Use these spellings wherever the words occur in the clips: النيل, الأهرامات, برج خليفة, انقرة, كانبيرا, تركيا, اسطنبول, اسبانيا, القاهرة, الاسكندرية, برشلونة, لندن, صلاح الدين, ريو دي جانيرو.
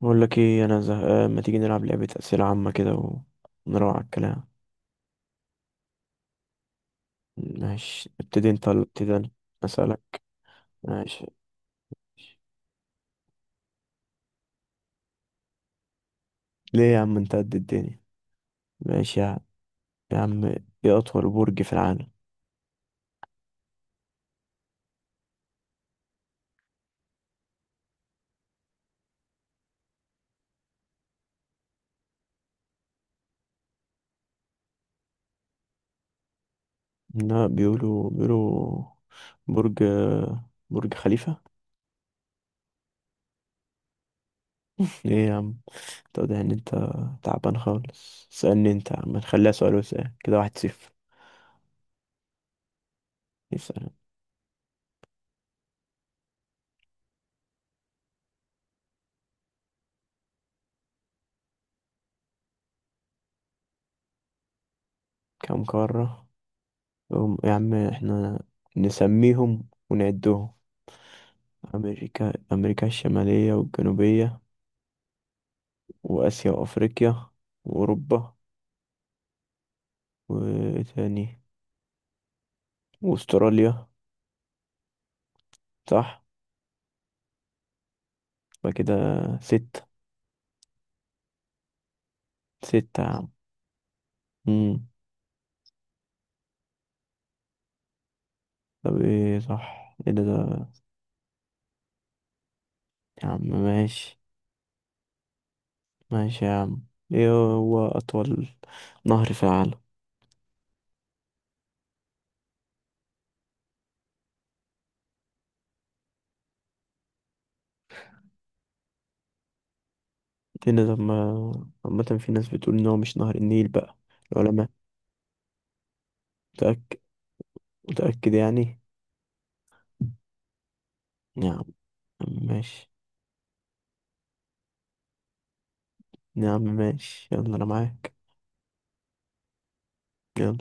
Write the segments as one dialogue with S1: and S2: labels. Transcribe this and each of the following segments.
S1: بقول لك ايه، انا زهقان، ما تيجي نلعب لعبة أسئلة عامة كده ونروح على الكلام؟ ماشي، ابتدي انت ولا ابتدي انا؟ أسألك. ماشي. ليه يا عم، انت قد الدنيا. ماشي يا عم. يا عم، ايه أطول برج في العالم؟ لا، بيقولوا بيقولوا، برج، برج خليفة. ايه يا عم، تقضي ان انت تعبان خالص؟ سألني انت يا عم، نخليها سؤال وسؤال، كده 1-0. يسأل. كم قارة؟ يا عم، احنا نسميهم ونعدهم. أمريكا، أمريكا الشمالية والجنوبية، وآسيا وأفريقيا وأوروبا. وإيه تاني؟ وأستراليا، صح. يبقى كده ستة. ستة يا عم. مم. طب إيه صح، إيه ده. يا عم ماشي. ماشي يا عم. إيه هو أطول نهر في العالم؟ إيه ده، طب ما عامة في ناس بتقول إن هو مش نهر النيل بقى. العلماء. متأكد؟ متأكد يعني. يا عم ماشي. يا عم ماشي، يلا أنا معاك. يلا.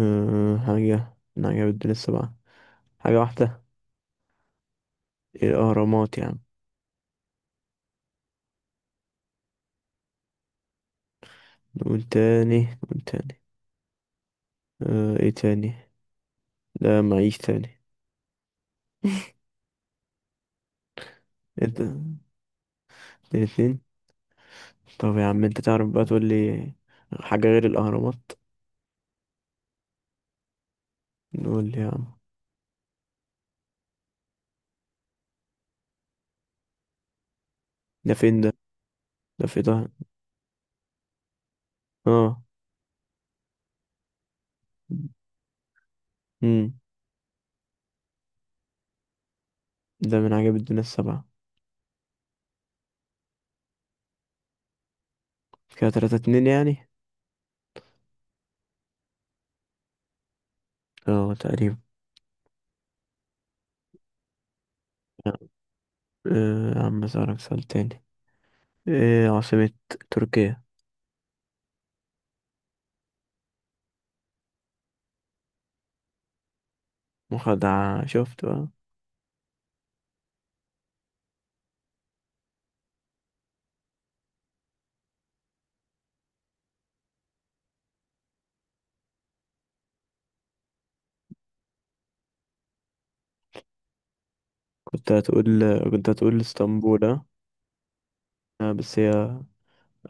S1: حاجة من عجائب لسه بقى. حاجة واحدة، الأهرامات يعني. نقول تاني، نقول تاني. ايه تاني؟ لا معيش تاني. انت. الاتنين. طب يا عم، انت تعرف بقى تقول لي حاجة غير الأهرامات؟ نقول لي يا عم. ده فين ده؟ ده في ده. اه. امم ده من عجائب الدنيا السبعة. كده تلاتة اتنين يعني. اه تقريبا. أه يا عم، اسألك سؤال تاني. ايه عاصمة تركيا؟ مخدعة، شفت بقى. كنت هتقول، كنت هتقول اسطنبول، اه. بس هي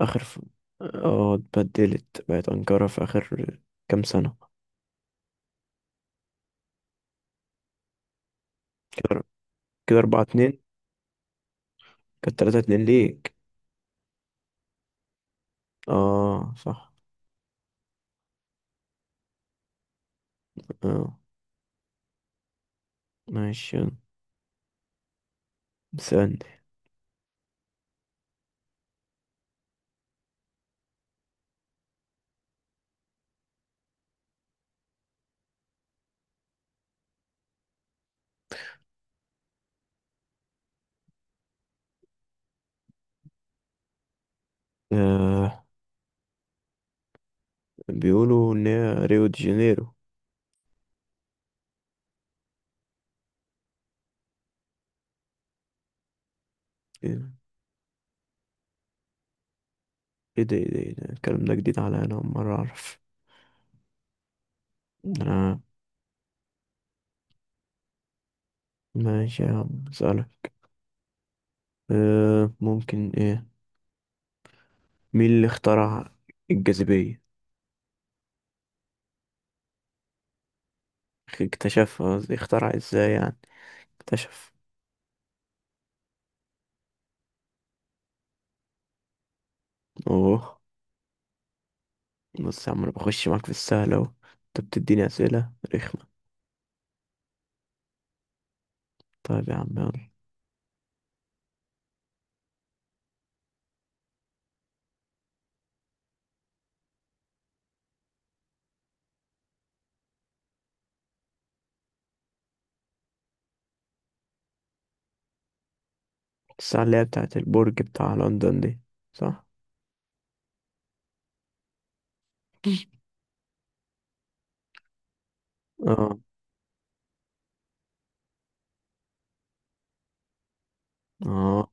S1: اخر ف... اه اتبدلت بقت انقرة في اخر كام سنة. كده كده 4-2. كانت 3-2 ليك. اه صح. اه، ماشي يلا. استنى. آه بيقولوا ان هي ريو دي جانيرو. ايه ده، ايه ده، إيه ده، إيه ده؟ الكلام ده جديد عليا، انا اول مرة اعرف. آه. ماشي يا عم، اسألك. ممكن ايه، مين اللي اخترع الجاذبية؟ اكتشفها قصدي، اخترع ازاي يعني، اكتشف. اوه. بص يا عم، انا بخش معاك في السهل اهو، انت بتديني اسئله رخمه. طيب يا عم يلا. الساعه اللي هي بتاعه البرج بتاع لندن دي، صح؟ اه، اه.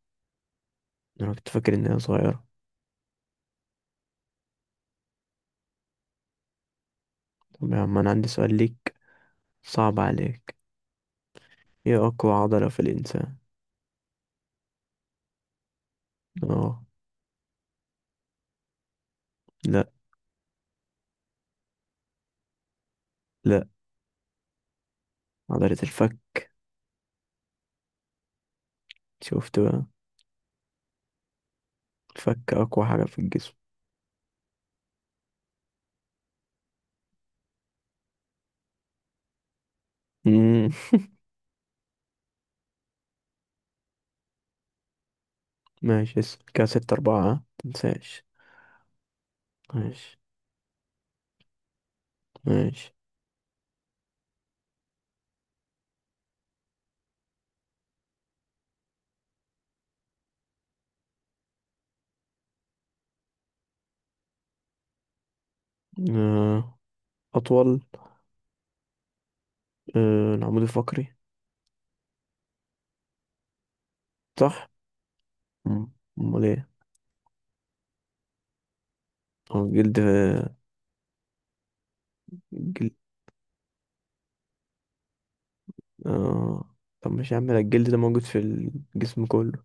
S1: انا كنت فاكر ان هي صغيره. طب يا عم، انا عندي سؤال ليك صعب عليك. ايه اقوى عضله في الانسان؟ اه. لا، لا. عضله الفك. شفت بقى، الفك اقوى حاجه في الجسم. امم ماشي اسأل. كده 6-4، ها؟ متنساش. ماشي، ماشي. آه. أطول. العمود الفقري. صح. مم. امال ايه؟ هو الجلد. جلد. اه. طب مش يا عم، لا، الجلد ده موجود في الجسم كله.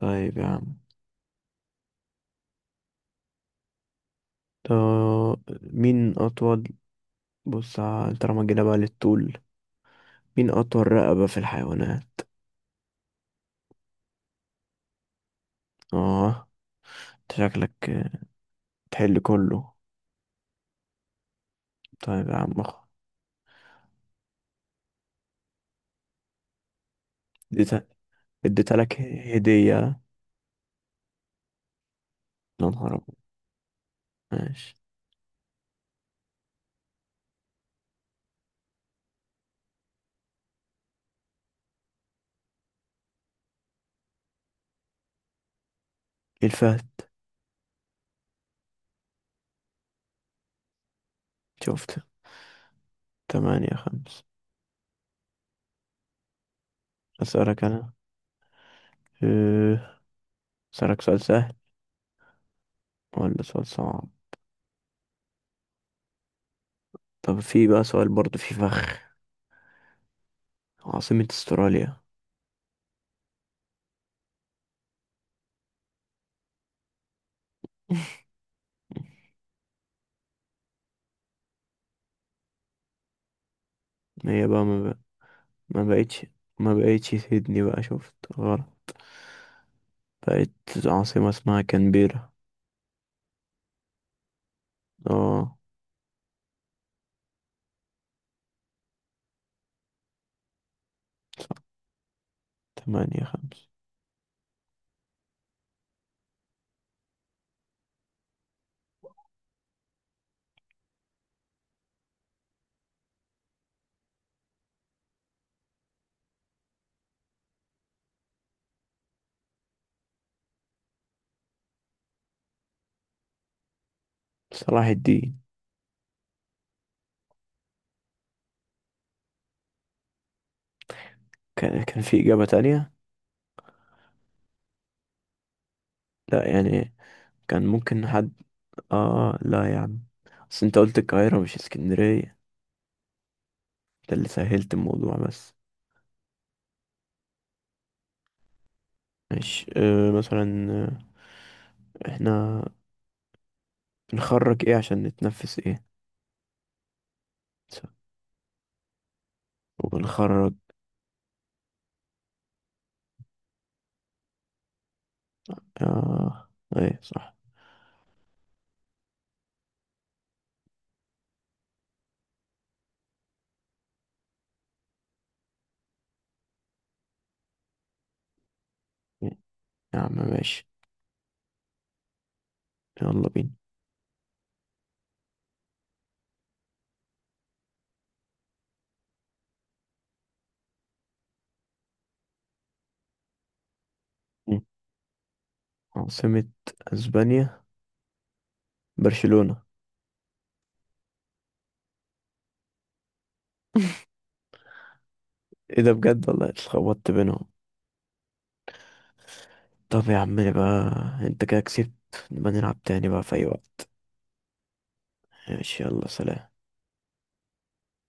S1: طيب يا عم، طب مين اطول، طالما جينا بقى للطول، مين اطول رقبة في الحيوانات؟ اه. انت شكلك تحل كله. طيب يا عم، اخ. اديتها، اديتها لك هدية، يا نهار أبيض! ماشي. الفهد. شفت. 8-5. اسألك انا. أه، اسألك سؤال سهل ولا سؤال صعب؟ طب في بقى سؤال برضه في فخ. عاصمة استراليا؟ هي بقى. ما بقتش ما بقتش سيدني بقى، شفت غلط. بقت عاصمة اسمها كانبيرا. اه. 8-5. صلاح الدين. كان في إجابة تانية. لا يعني، كان ممكن حد. اه، لا يا عم. بس انت قلت القاهرة مش اسكندرية. ده اللي سهلت الموضوع بس. ماشي، مثلا، احنا بنخرج ايه عشان نتنفس ايه؟ وبنخرج. آه ايه صح. إيه، يا عم ماشي. يلا بينا. مم. عاصمة اسبانيا؟ برشلونة. ايه ده، بجد والله اتلخبطت بينهم. طب يا عم بقى، انت كده كسبت. نبقى نلعب تاني بقى في اي وقت. ماشي يلا، سلام.